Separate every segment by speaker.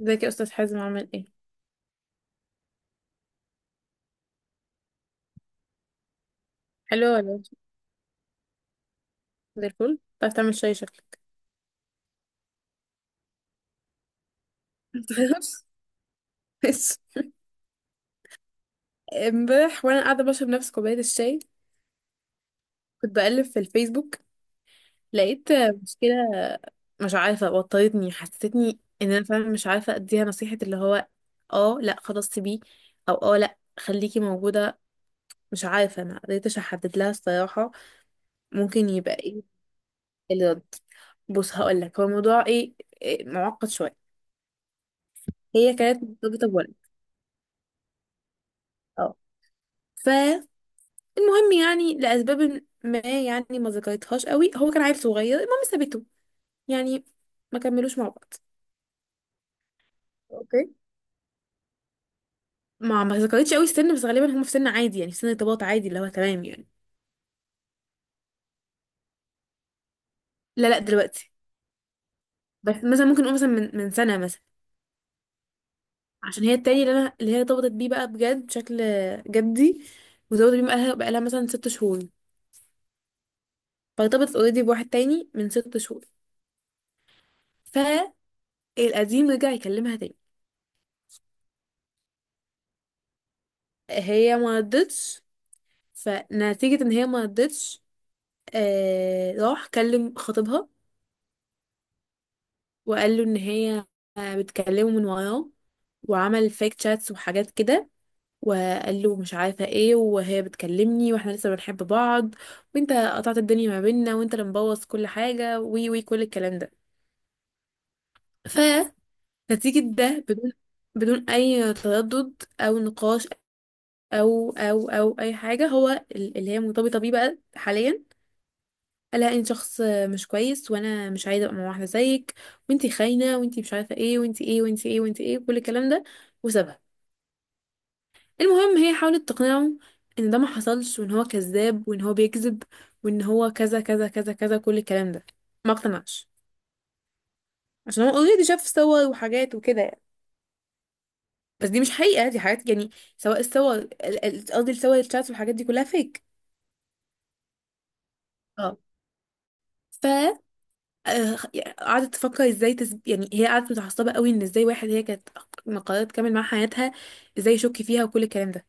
Speaker 1: ازيك يا استاذ حازم؟ عامل ايه؟ حلو ولا وحش؟ زي الفل. بتعرف تعمل شاي شكلك. متغيرش بس. امبارح وانا قاعده بشرب نفس كوبايه الشاي كنت بقلب في الفيسبوك، لقيت مشكله مش عارفه وترتني، حسستني ان انا فعلا مش عارفه اديها نصيحه. اللي هو اه لا خلاص سيبيه، او لا خليكي موجوده. مش عارفه، ما قدرتش احدد لها الصراحه ممكن يبقى ايه الرد. بص هقول لك هو الموضوع ايه. معقد شويه. هي كانت مرتبطه بولد. اه المهم يعني لأسباب ما، يعني ما ذكرتهاش قوي، هو كان عيل صغير. المهم سابته، يعني ما كملوش مع بعض. اوكي. ما ذكرتش قوي السن، بس غالبا هم في سن عادي، يعني في سن ارتباط عادي اللي هو تمام يعني. لا لا دلوقتي. بس مثلا ممكن نقول مثلا من سنة مثلا. عشان هي التاني اللي انا اللي هي ارتبطت بيه بقى بجد بشكل جدي، وارتبطت بيه بقالها مثلا ست شهور. فارتبطت اوريدي بواحد تاني من ست شهور، فالقديم رجع يكلمها تاني. هي ما ردتش. فنتيجة ان هي ما ردتش راح كلم خطيبها، وقال له ان هي بتكلمه من وراه، وعمل فيك تشاتس وحاجات كده، وقال له مش عارفه ايه، وهي بتكلمني، واحنا لسه بنحب بعض، وانت قطعت الدنيا ما بيننا، وانت اللي مبوظ كل حاجه، وي وي كل الكلام ده. فنتيجه ده، بدون اي تردد او نقاش او اي حاجه، هو اللي هي مرتبطه بيه بقى حاليا، لا انت شخص مش كويس، وانا مش عايزه ابقى مع واحده زيك، وانتي خاينه، وانتي مش عارفه ايه، وانتي ايه وانتي ايه وانتي ايه، كل الكلام ده، وسابها. المهم هي حاولت تقنعه ان ده ما حصلش، وان هو كذاب، وان هو بيكذب، وان هو كذا كذا كذا كذا، كل الكلام ده. ما اقتنعش، عشان هو اوريدي شاف صور وحاجات وكده يعني. بس دي مش حقيقه، دي حاجات يعني، سواء الصور قصدي الصور الشات والحاجات دي كلها فيك. اه آه، قعدت تفكر ازاي يعني هي قعدت متعصبه قوي ان ازاي واحد، هي كانت قررت تكمل مع حياتها ازاي يشك فيها، وكل الكلام ده.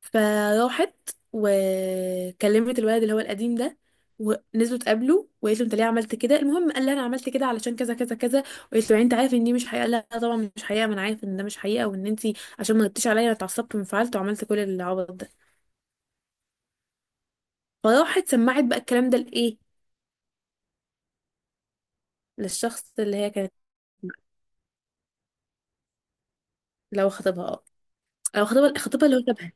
Speaker 1: فراحت وكلمت الولد اللي هو القديم ده، ونزلوا اتقابلوا، وقالت له انت ليه عملت كده؟ المهم قال لها انا عملت كده علشان كذا كذا كذا، وقالت له يعني انت عارف ان دي مش حقيقه؟ قال لها آه طبعا مش حقيقه، ما انا عارف ان ده مش حقيقه، وان انت عشان ما غبتيش عليا انا اتعصبت وانفعلت وعملت كل العبط ده. فراحت سمعت بقى الكلام ده لايه، للشخص اللي هي كانت. لو خطيبها اه. لو خطيبها اللي هو شبهها.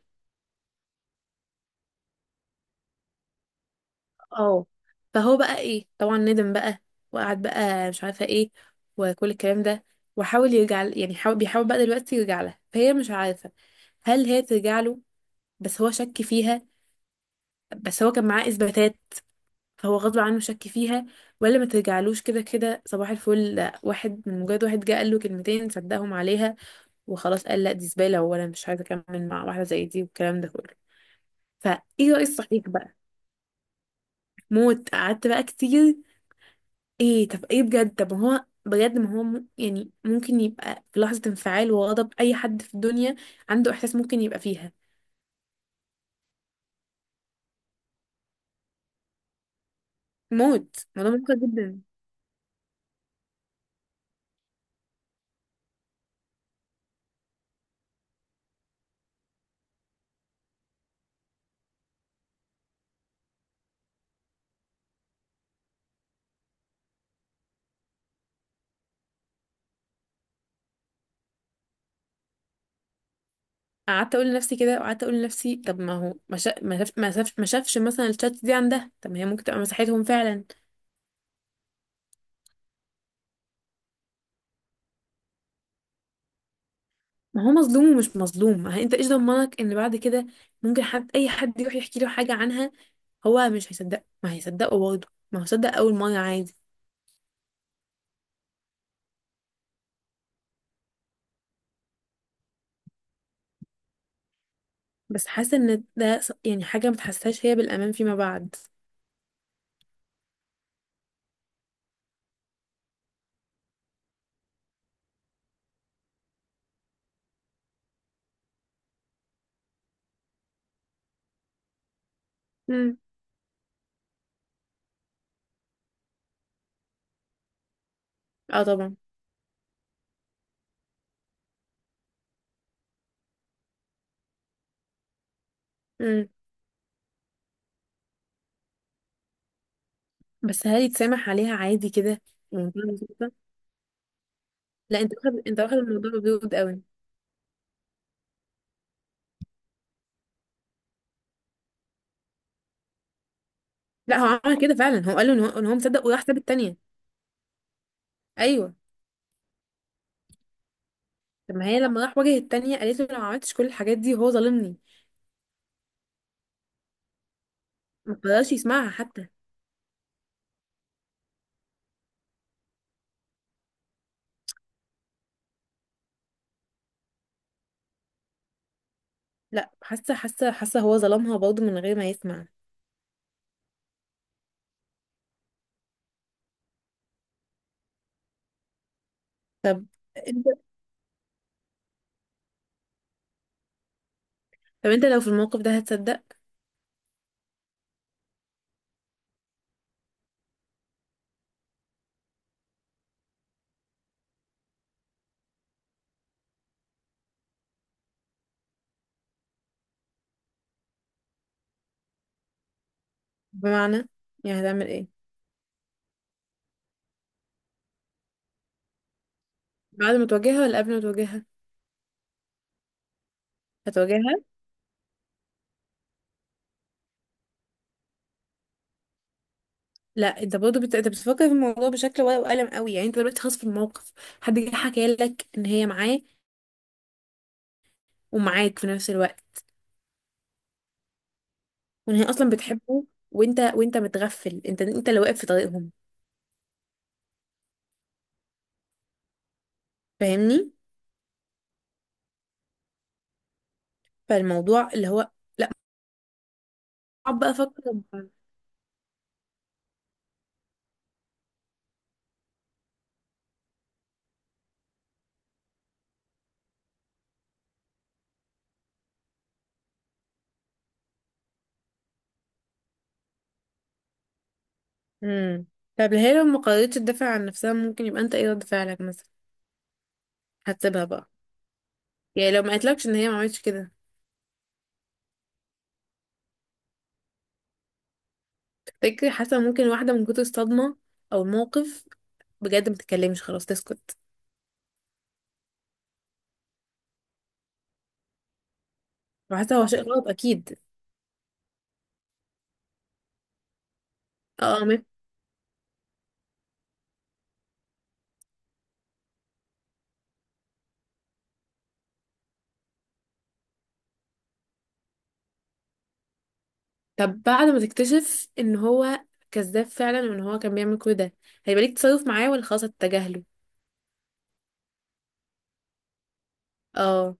Speaker 1: اه فهو بقى ايه، طبعا ندم بقى، وقعد بقى مش عارفه ايه، وكل الكلام ده، وحاول يرجع ل- يعني حاول بيحاول بقى دلوقتي يرجع لها. فهي مش عارفه هل هي ترجع له؟ بس هو شك فيها. بس هو كان معاه اثباتات، فهو غصب عنه شك فيها، ولا ما ترجعلوش كده كده؟ صباح الفل. لا، واحد من مجرد واحد جه قال له كلمتين صدقهم عليها، وخلاص قال لا دي زباله، وانا مش عايزه اكمل مع واحده زي دي، والكلام ده كله. فايه رأي الصحيح بقى؟ موت. قعدت بقى كتير ايه، طب ايه بجد؟ طب ما هو بجد، ما هو م- يعني ممكن يبقى في لحظة انفعال وغضب اي حد في الدنيا عنده احساس ممكن يبقى فيها. موت، الموضوع ممتع جدا. قعدت اقول لنفسي كده، وقعدت اقول لنفسي طب ما هو ما شا... ما شاف... ما شاف... ما شافش مثلا الشات دي عندها. طب ما هي ممكن تبقى مساحتهم فعلا. ما هو مظلوم ومش مظلوم. ما هي- انت ايش ضمنك ان بعد كده ممكن حد، اي حد، يروح يحكي له حاجة عنها، هو مش هيصدق؟ ما هيصدقه برضه، ما هو صدق اول مرة عادي. بس حاسة ان ده حاجة ما تحسهاش هي بالامان فيما بعد. امم. اه طبعا. امم. بس هل يتسامح عليها عادي كده ومنتهى البساطة؟ لا انت واخد، الموضوع بجد قوي. لا هو عمل كده فعلا، هو قال له ان هو، ان هو مصدق، وراح ساب التانية. ايوه. طب ما هي لما راح واجه التانية قالت له لو ما عملتش كل الحاجات دي هو ظالمني. ما قدرش يسمعها حتى. لا حاسه، حاسه هو ظلمها برضه من غير ما يسمع. طب انت، لو في الموقف ده هتصدق؟ بمعنى، يعني هتعمل ايه؟ بعد ما تواجهها ولا قبل ما تواجهها؟ هتواجهها. لا انت برضه انت بتفكر في الموضوع بشكل ورق وقلم قوي. يعني انت دلوقتي خلاص في الموقف، حد جه حكى لك ان هي معاه ومعاك في نفس الوقت، وان هي اصلا بتحبه، وانت متغفل، انت اللي واقف في طريقهم، فاهمني؟ فالموضوع اللي هو لا، اقعد بقى افكر. امم. طب هي لو ما قررتش تدافع عن نفسها ممكن يبقى انت ايه رد فعلك مثلا؟ هتسيبها بقى؟ يعني لو ما قالتلكش ان هي ما عملتش كده. تفتكري، حاسه ممكن واحده من كتر الصدمه او الموقف بجد ما تتكلمش خلاص، تسكت؟ وحاسه هو شيء غلط اكيد. اه. 100%. طب بعد ما تكتشف ان هو كذاب فعلا، وان هو كان بيعمل كل ده، هيبقى ليك تصرف معاه ولا خلاص هتتجاهله؟ اه.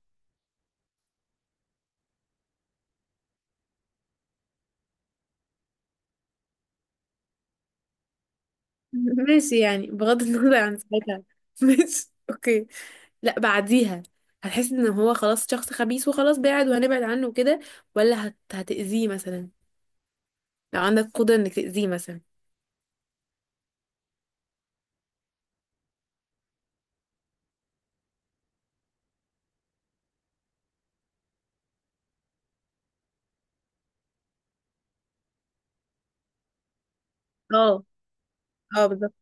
Speaker 1: ماشي، يعني بغض النظر عن ساعتها. ماشي اوكي. لا بعديها، هتحس ان هو خلاص شخص خبيث وخلاص بعد، وهنبعد عنه وكده، ولا هتأذيه مثلا؟ لو عندك قدرة انك تأذيه مثلا. اه اه بالظبط.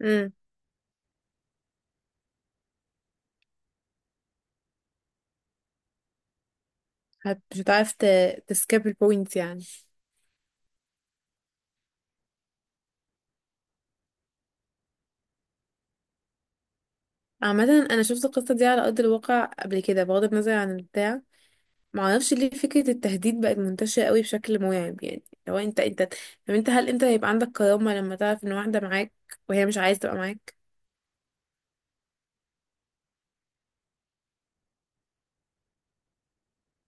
Speaker 1: امم. مش هتعرف تسكيب البوينت يعني. عامة انا شفت القصة دي على ارض الواقع قبل كده، بغض النظر عن البتاع. معرفش ليه فكرة التهديد بقت منتشرة قوي بشكل مرعب. يعني لو انت انت طب انت، هل انت هيبقى عندك كرامة لما تعرف ان واحدة معاك وهي مش عايزة تبقى معاك؟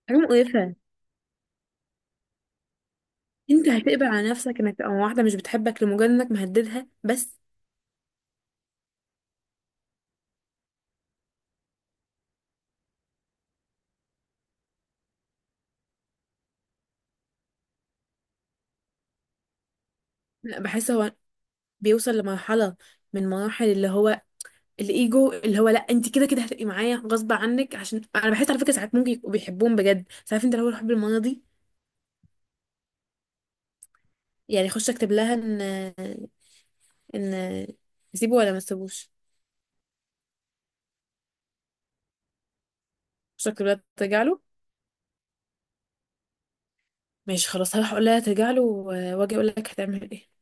Speaker 1: حاجة مقرفة. انت هتقبل على نفسك انك تبقى مع واحدة مش بتحبك لمجرد انك مهددها بس؟ لا بحس هو بيوصل لمرحلة من مراحل اللي هو الايجو، اللي هو لا انت كده كده هتبقي معايا غصب عنك. عشان انا بحس على فكرة ساعات ممكن يبقوا بيحبوهم بجد، ساعات انت لو الحب المرضي يعني. خش اكتب لها ان ان اسيبه ولا ما تسيبوش. خش اكتب لها ترجع له. ماشي خلاص، هروح اقول لها ترجع له، واجي اقول لك هتعمل ايه.